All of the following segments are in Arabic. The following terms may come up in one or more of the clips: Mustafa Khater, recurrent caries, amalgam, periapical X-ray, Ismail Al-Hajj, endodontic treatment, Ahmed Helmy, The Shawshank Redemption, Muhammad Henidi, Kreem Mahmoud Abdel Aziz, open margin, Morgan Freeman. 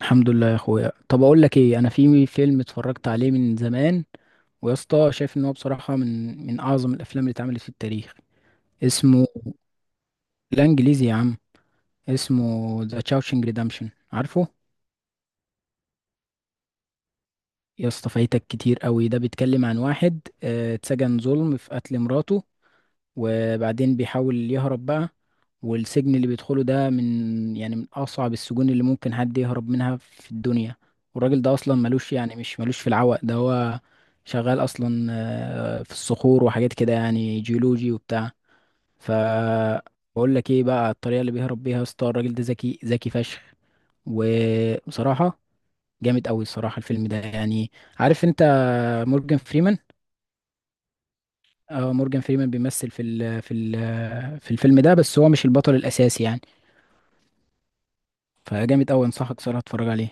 الحمد لله يا اخويا. طب اقول لك ايه، انا في فيلم اتفرجت عليه من زمان، ويا اسطى شايف ان هو بصراحه من اعظم الافلام اللي اتعملت في التاريخ. اسمه... لا، انجليزي يا عم. اسمه ذا تشاوشنج ريدمشن، عارفه؟ يا اسطى فايتك كتير قوي، ده بيتكلم عن واحد اتسجن ظلم في قتل مراته، وبعدين بيحاول يهرب بقى. والسجن اللي بيدخله ده من أصعب السجون اللي ممكن حد يهرب منها في الدنيا. والراجل ده أصلا ملوش يعني مش ملوش في العوق ده، هو شغال أصلا في الصخور وحاجات كده، يعني جيولوجي وبتاع. ف بقول لك ايه بقى، الطريقة اللي بيهرب بيها يا اسطى، الراجل ده ذكي ذكي فشخ، وبصراحة جامد قوي الصراحة الفيلم ده، يعني عارف انت مورجان فريمان؟ اه، مورجان فريمان بيمثل في الفيلم ده، بس هو مش البطل الاساسي يعني. فجامد قوي، انصحك صراحه تتفرج عليه.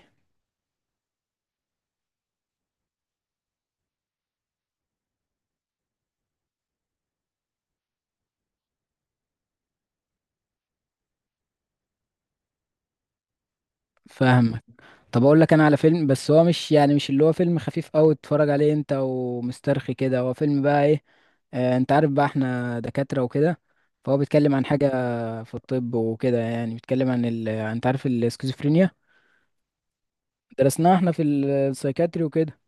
فاهمك. طب اقول لك انا على فيلم، بس هو مش اللي هو فيلم خفيف قوي تتفرج عليه انت ومسترخي كده، هو فيلم بقى ايه، انت عارف بقى احنا دكاتره وكده. فهو بيتكلم عن حاجه في الطب وكده، يعني بيتكلم عن انت عارف السكيزوفرينيا، درسناها احنا في السايكاتري وكده.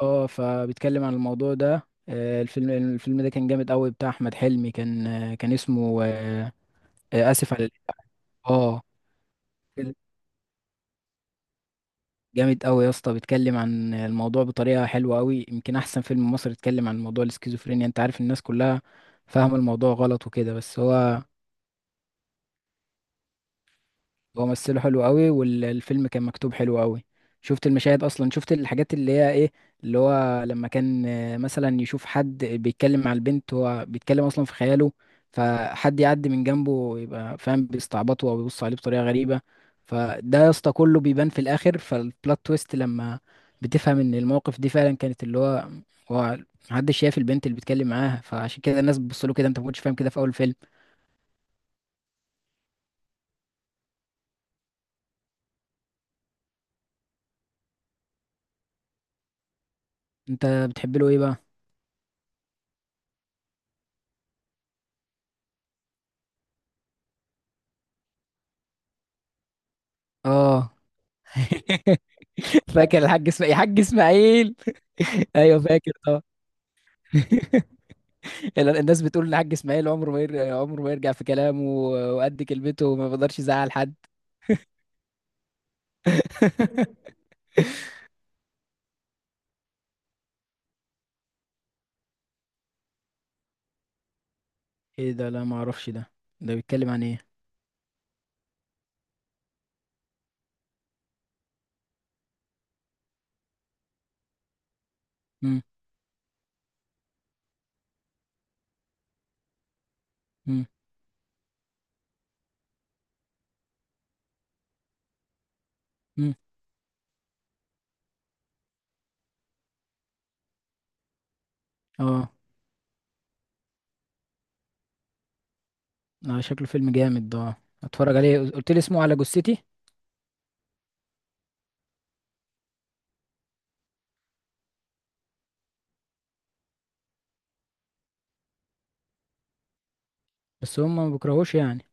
اه، فبيتكلم عن الموضوع ده. الفيلم ده كان جامد قوي، بتاع احمد حلمي، كان اسمه آه، آه، اسف على الإزعاج. اه، فيلم جامد قوي يا اسطى، بيتكلم عن الموضوع بطريقه حلوه قوي، يمكن احسن فيلم مصري اتكلم عن موضوع الاسكيزوفرينيا. انت عارف الناس كلها فاهمه الموضوع غلط وكده، بس هو... هو ممثله حلو قوي، والفيلم كان مكتوب حلو قوي. شفت المشاهد اصلا، شفت الحاجات اللي هي ايه، اللي هو لما كان مثلا يشوف حد بيتكلم مع البنت، هو بيتكلم اصلا في خياله، فحد يعدي من جنبه يبقى فاهم بيستعبطه او بيبص عليه بطريقه غريبه. فده يا اسطى كله بيبان في الاخر، فالبلot تويست لما بتفهم ان المواقف دي فعلا كانت اللي هو محدش شايف البنت اللي بيتكلم معاها، فعشان كده الناس بتبص له كده، انت ما كنتش فاهم كده في اول فيلم. انت بتحب له ايه بقى؟ اه. فاكر الحاج اسماعيل، الحاج اسماعيل. ايوه فاكر طبعا. الناس بتقول ان الحاج اسماعيل عمره ما يرجع في كلامه، وقد كلمته وما بيقدرش يزعل حد. ايه ده؟ لا ما اعرفش ده، ده بيتكلم عن ايه؟ مم. مم. مم. اه، اه، شكله فيلم جامد ده، آه. اتفرج عليه، قلت لي اسمه على جثتي؟ بس هم ما بيكرهوش يعني.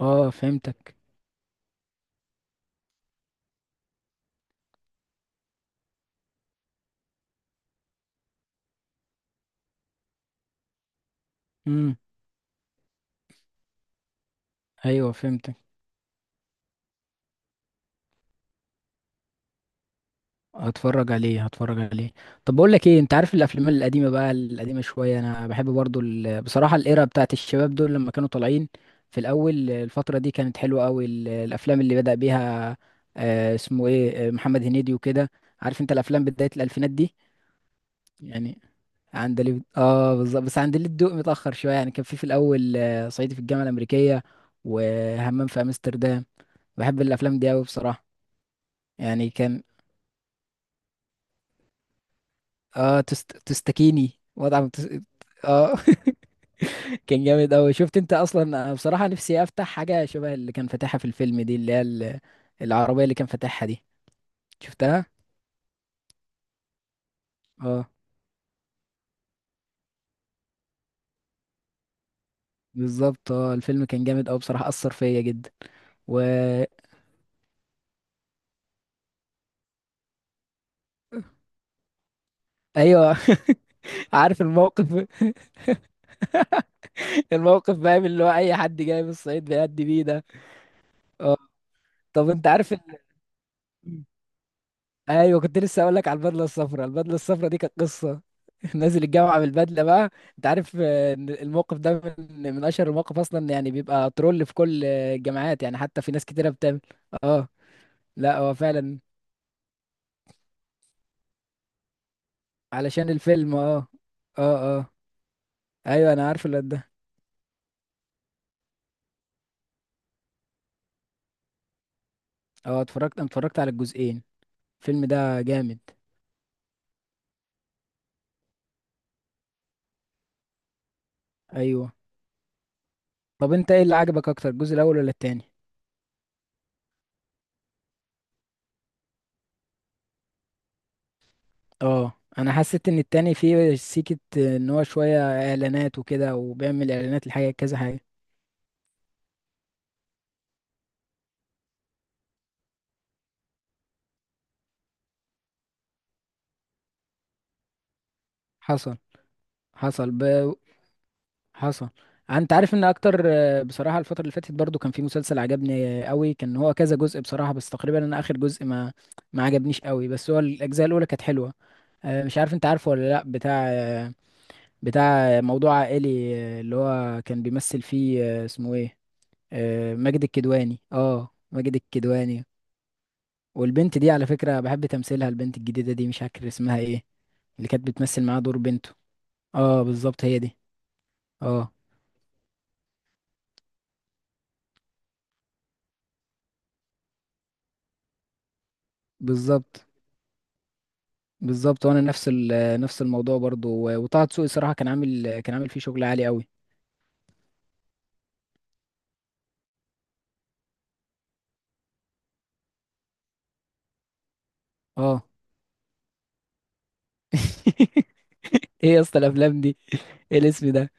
اه، فهمتك. امم. ايوه، فهمتك. هتفرج عليه، هتفرج عليه. طب بقول لك ايه، انت عارف الافلام القديمه بقى، القديمه شويه، انا بحب برضو بصراحه الايرا بتاعت الشباب دول لما كانوا طالعين في الاول، الفتره دي كانت حلوه قوي، الافلام اللي بدأ بيها آه اسمه ايه آه، محمد هنيدي وكده، عارف انت الافلام بدايه الالفينات دي يعني. عندليب، اه بالظبط، بس عندليب الدق متاخر شويه، يعني كان في الاول صعيدي في الجامعه الامريكيه، وهمام في امستردام. بحب الافلام دي قوي بصراحه، يعني كان... اه، تستكيني مطعم اه. كان جامد اوي. شفت انت اصلا، انا بصراحة نفسي افتح حاجة شبه اللي كان فاتحها في الفيلم دي، اللي هي العربية اللي كان فاتحها دي، شفتها؟ اه بالظبط، اه الفيلم كان جامد اوي بصراحة، اثر فيا جدا و ايوه. عارف الموقف. الموقف بقى من اللي هو اي حد جاي من الصعيد بيأدي بيه ده. اه. طب انت عارف، ايوه كنت لسه اقول لك على البدله الصفراء، البدله الصفراء دي كانت قصه. نازل الجامعه بالبدله بقى، انت عارف إن الموقف ده من اشهر المواقف اصلا، يعني بيبقى ترول في كل الجامعات، يعني حتى في ناس كتيره بتعمل. اه. لا هو فعلا، علشان الفيلم. اه اه، اه. ايوه انا عارف الواد ده. اه، اتفرجت على الجزئين، الفيلم ده جامد. ايوه. طب انت ايه اللي عجبك اكتر، الجزء الاول ولا التاني؟ اه. انا حسيت ان التاني فيه سيكة، ان هو شوية اعلانات وكده، وبيعمل اعلانات لحاجة كذا حاجة. حصل حصل ب... حصل. انت عارف ان اكتر بصراحه الفتره اللي فاتت برضو كان في مسلسل عجبني قوي، كان هو كذا جزء بصراحه، بس تقريبا انا اخر جزء ما عجبنيش قوي، بس هو الاجزاء الاولى كانت حلوه. مش عارف انت عارفه ولا لا، بتاع موضوع عائلي، اللي هو كان بيمثل فيه آه، اسمه ايه آه، ماجد الكدواني. اه، ماجد الكدواني. والبنت دي على فكره بحب تمثيلها، البنت الجديده دي مش فاكر اسمها ايه، اللي كانت بتمثل معاه دور بنته. اه بالظبط، هي دي. اه بالظبط، بالظبط. وانا نفس الموضوع برضو، وطه دسوقي صراحه، كان عامل فيه شغل عالي قوي. اه. ايه يا اسطى الافلام دي، ايه الاسم ده؟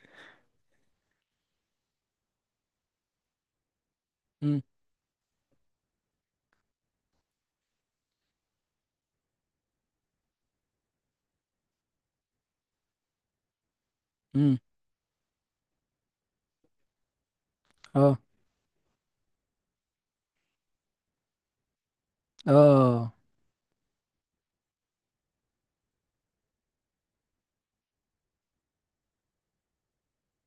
امم. امم. اه، اه،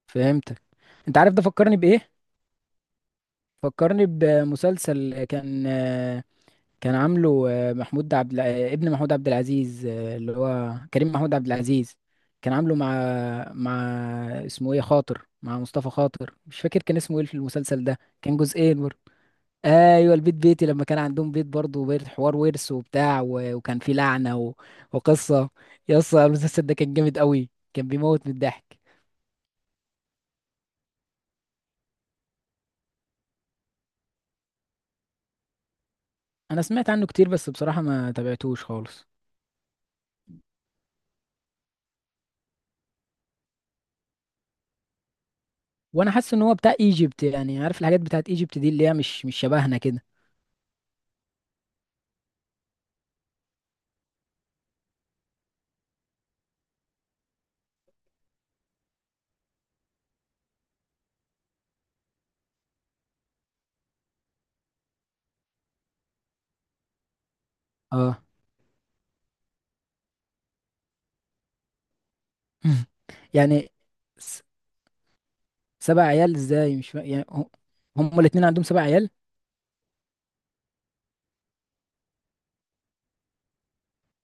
فهمتك. انت عارف ده فكرني بايه؟ فكرني بمسلسل كان عامله ابن محمود عبد العزيز، اللي هو كريم محمود عبد العزيز، كان عامله مع اسمه ايه، خاطر، مع مصطفى خاطر، مش فاكر كان اسمه ايه في المسلسل ده، كان جزئين برضه. ايوه، البيت بيتي. لما كان عندهم بيت برضه، بيت حوار، ورث وبتاع، وكان فيه لعنه، وقصه. يا اسطى المسلسل ده كان جامد قوي، كان بيموت من الضحك. انا سمعت عنه كتير، بس بصراحه ما تابعتوش خالص. وانا حاسس ان هو بتاع ايجيبت، يعني عارف الحاجات بتاعت ايجيبت دي اللي هي مش شبهنا كده. اه. يعني... س... سبع عيال ازاي، مش فا- يعني هم الاتنين عندهم 7 عيال.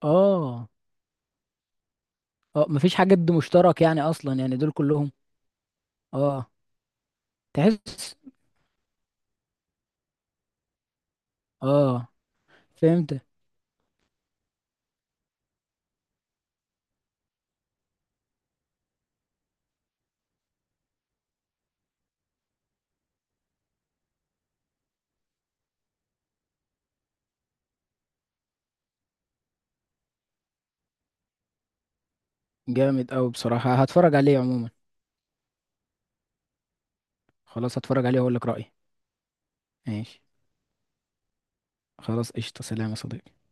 اه. اه، مفيش حاجه مشترك يعني اصلا، يعني دول كلهم. اه. تحس. اه، فهمت. جامد أوي بصراحة، هتفرج عليه عموما. خلاص، هتفرج عليه وأقول لك رأيي. ماشي. خلاص، قشطة، سلام يا صديقي.